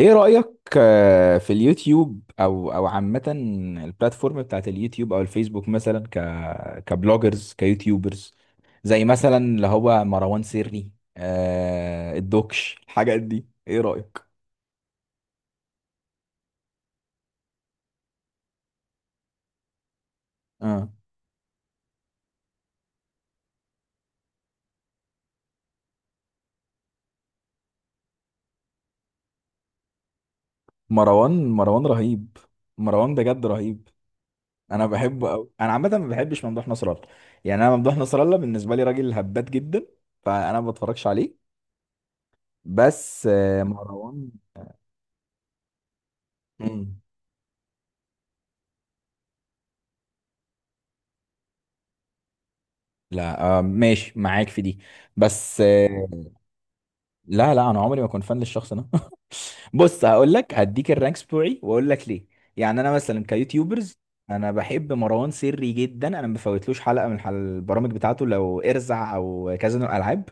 ايه رأيك؟ في اليوتيوب او عامة البلاتفورم بتاعت اليوتيوب او الفيسبوك مثلا كبلوجرز كيوتيوبرز، زي مثلا اللي هو مروان سري. آه الدوكش الحاجات دي، ايه رأيك؟ اه. مروان رهيب. مروان بجد رهيب. انا بحبه قوي. انا عامة ما بحبش ممدوح نصر الله، يعني انا ممدوح نصر الله بالنسبة لي راجل هبات جدا، فانا ما بتفرجش عليه. بس آه مروان. مم. لا آه ماشي معاك في دي. بس آه. لا انا عمري ما كنت فان للشخص ده. بص هقول لك هديك الرانكس بتوعي واقول لك ليه. يعني انا مثلا كيوتيوبرز، انا بحب مروان سري جدا. انا ما بفوتلوش حلقه من البرامج بتاعته، لو ارزع او كازينو الالعاب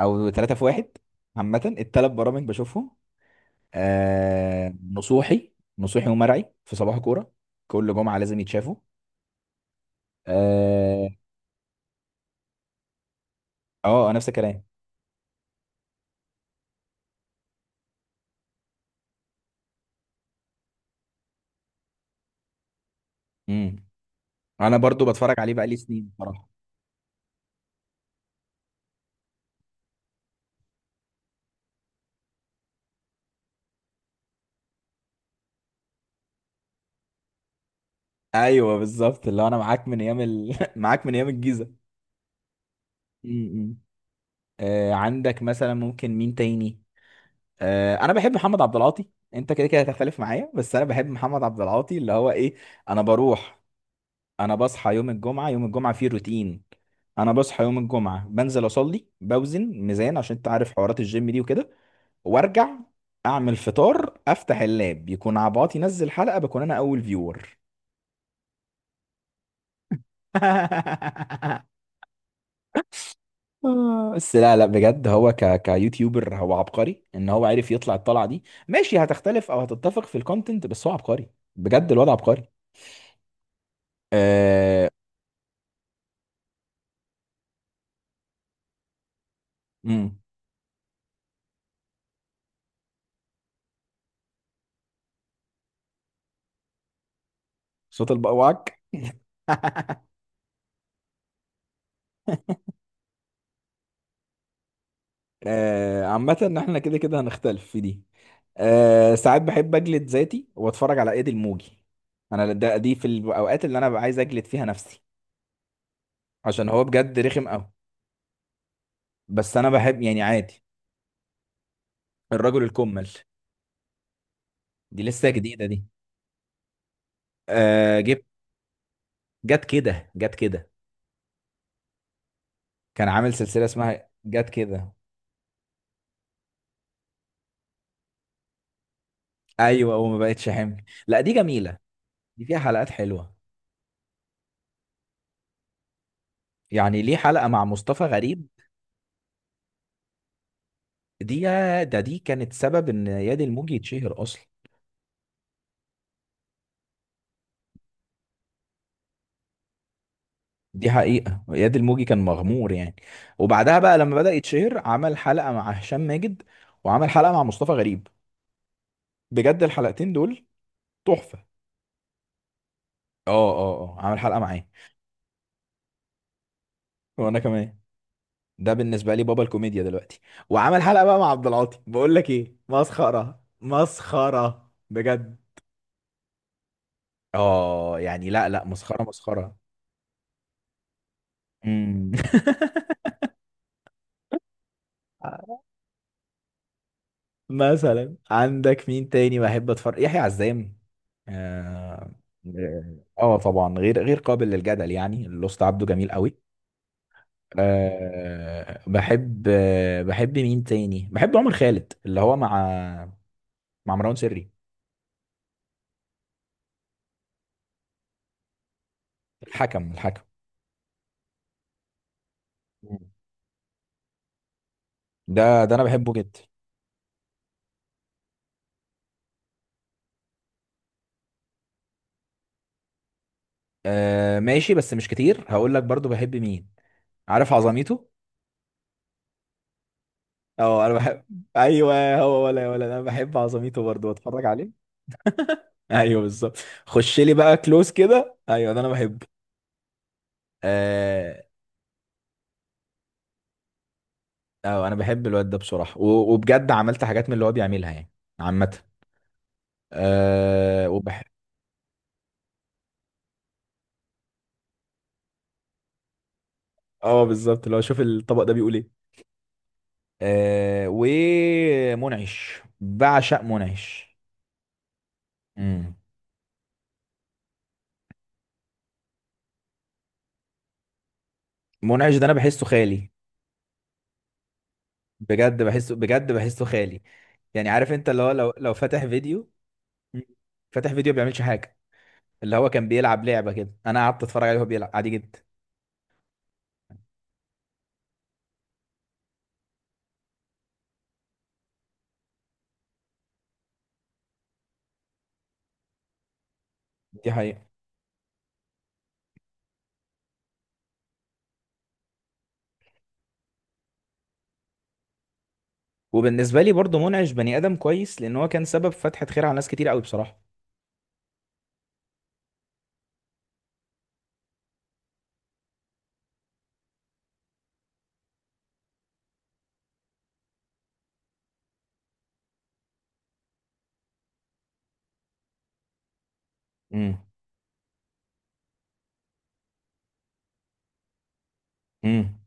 او ثلاثة في واحد. عامه الثلاث برامج بشوفهم. آه نصوحي. نصوحي ومرعي في صباح كوره، كل جمعه لازم يتشافوا. اه. آه، نفس الكلام. امم. انا برضو بتفرج عليه بقالي سنين بصراحه. ايوه بالظبط، اللي هو انا معاك من ايام معاك من ايام الجيزه. امم. آه عندك مثلا ممكن مين تاني؟ آه انا بحب محمد عبد العاطي، انت كده كده هتختلف معايا، بس انا بحب محمد عبد العاطي، اللي هو ايه. انا بروح، انا بصحى يوم الجمعه، يوم الجمعه فيه روتين. انا بصحى يوم الجمعه، بنزل اصلي، بوزن ميزان عشان انت عارف حوارات الجيم دي وكده، وارجع اعمل فطار، افتح اللاب يكون عباطي نزل حلقه، بكون انا اول فيور. بس لا لا بجد هو كيوتيوبر، هو عبقري ان هو عرف يطلع الطلعه دي. ماشي هتختلف او هتتفق في الكونتنت، بس هو عبقري، بجد الواد عبقري. آه. امم. صوت البقواك. آه عامه ان احنا كده كده هنختلف في دي. آه ساعات بحب اجلد ذاتي واتفرج على ايد الموجي، انا دي في الاوقات اللي انا ببقى عايز اجلد فيها نفسي، عشان هو بجد رخم قوي. بس انا بحب يعني عادي. الرجل الكمل دي لسه جديده دي. آه جبت. جت كده كان عامل سلسلة اسمها جت كده. ايوه وما بقتش حمل، لا دي جميلة، دي فيها حلقات حلوة، يعني ليه حلقة مع مصطفى غريب. دي دي كانت سبب ان ياد الموجي يتشهر اصلا. دي حقيقة ياد الموجي كان مغمور يعني. وبعدها بقى لما بدأ يتشهر عمل حلقة مع هشام ماجد، وعمل حلقة مع مصطفى غريب، بجد الحلقتين دول تحفة. اه عمل حلقة معاه. وانا كمان، ده بالنسبه لي بابا الكوميديا دلوقتي. وعمل حلقه بقى مع عبد العاطي، بقول لك ايه، مسخره مسخره بجد. اه يعني لا لا مسخره مسخره. امم. مثلا عندك مين تاني بحب اتفرج؟ يحيى عزام. اه. آه طبعا، غير غير قابل للجدل يعني، الأسطى عبده جميل قوي. أه بحب، بحب مين تاني؟ بحب عمر خالد اللي هو مع مع مروان سري. الحكم الحكم، ده ده انا بحبه جدا. آه ماشي. بس مش كتير، هقول لك برضو بحب مين. عارف عظميته. اه انا بحب. ايوه هو ولا ولا، انا بحب عظميته برضو بتفرج عليه. ايوه بالظبط، خش لي بقى كلوز كده، ايوه ده انا بحبه. اه. اه انا بحب الواد ده بصراحه، وبجد عملت حاجات من اللي هو بيعملها يعني. عامه. اه وبح. اه بالظبط، اللي هو شوف الطبق ده بيقول ايه. آه. ومنعش، بعشق منعش. امم. منعش ده انا بحسه خالي، بجد بحسه، بجد بحسه خالي. يعني عارف انت، اللي هو لو فاتح فيديو. مم. فاتح فيديو بيعملش حاجه. اللي هو كان بيلعب لعبه كده، انا قعدت اتفرج عليه وهو بيلعب عادي جدا. دي حقيقه. وبالنسبه لي برضه منعش بني ادم كويس، لان هو كان سبب فتحه خير على ناس كتير قوي بصراحه. امم. امم.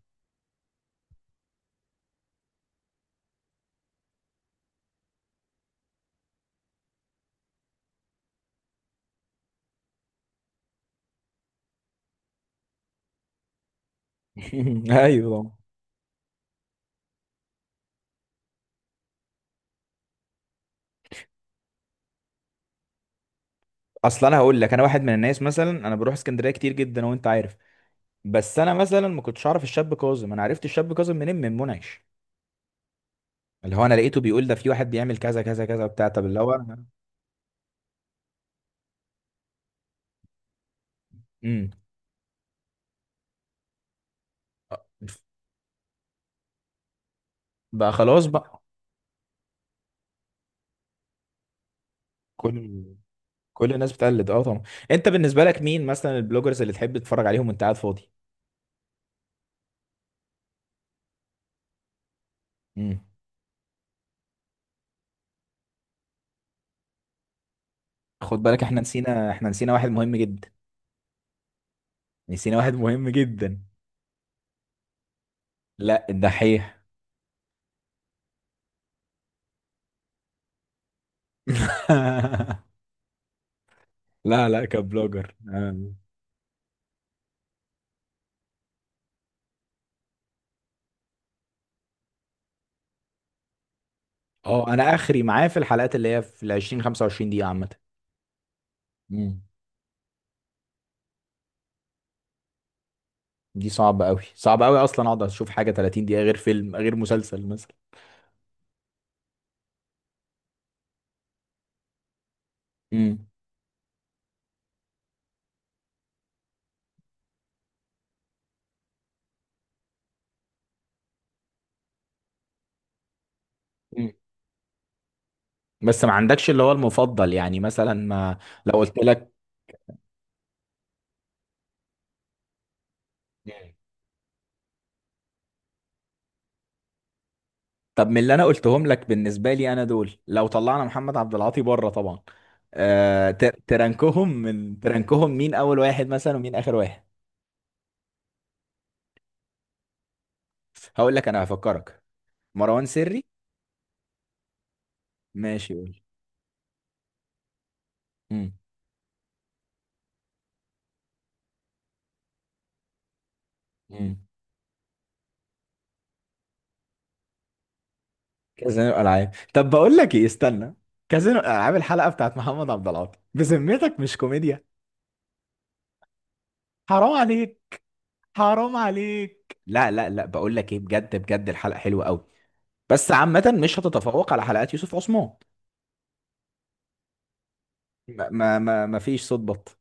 ايوه. اصل انا هقول لك، انا واحد من الناس مثلا، انا بروح اسكندريه كتير جدا وانت عارف، بس انا مثلا ما كنتش اعرف الشاب كاظم. انا عرفت الشاب كاظم منين؟ من منعش. اللي هو انا لقيته بيقول ده في واحد بيعمل كذا كذا كذا بتاع، طب اللي هو انا. امم. بقى خلاص بقى. كل كل الناس بتقلد، اه طبعا. انت بالنسبه لك مين مثلا البلوجرز اللي تحب تتفرج عليهم وانت قاعد فاضي؟ امم. خد بالك احنا نسينا، احنا نسينا واحد مهم جدا، نسينا واحد مهم جدا. لا، الدحيح. لا لا كبلوجر اه. آه، انا اخري معاه في الحلقات اللي هي في ال 20 25 دقيقه عامه. امم. دي صعبه قوي، صعبه قوي اصلا اقعد اشوف حاجه 30 دقيقه، غير فيلم غير مسلسل مثلا. امم. بس ما عندكش اللي هو المفضل، يعني مثلا ما، لو قلت لك. مم. طب من اللي انا قلتهم لك بالنسبه لي انا دول، لو طلعنا محمد عبد العاطي بره طبعا، آه ترنكهم من، ترنكهم، مين اول واحد مثلا ومين اخر واحد؟ هقول لك انا هفكرك، مروان سري. ماشي قول. امم. مم. كازينو الالعاب. طب بقول لك ايه، استنى، كازينو الالعاب الحلقه بتاعت محمد عبد العاطي بذمتك مش كوميديا؟ حرام عليك، حرام عليك. لا لا لا بقول لك ايه، بجد بجد الحلقه حلوه قوي، بس عامه مش هتتفوق على حلقات يوسف عثمان. ما فيش صوت بط.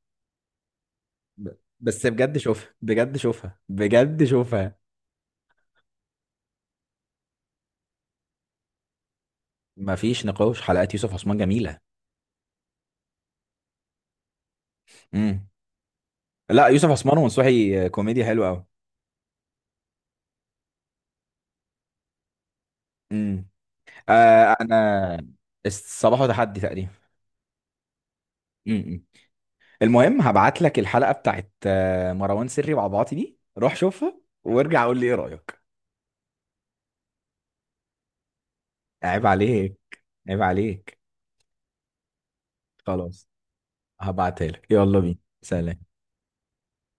ب-، بس بجد شوفها، بجد شوفها، بجد شوفها. ما فيش نقاش، حلقات يوسف عثمان جميلة. امم. لا يوسف عثمان ومنصوحي كوميديا حلوة قوي. امم. آه انا. الصباح وتحدي تقريبا. امم. المهم هبعت لك الحلقة بتاعت مروان سري وعبعاطي دي، روح شوفها وارجع قول لي ايه رأيك. عيب عليك، عيب عليك. خلاص، هبعتها لك، يلا بينا. سلام.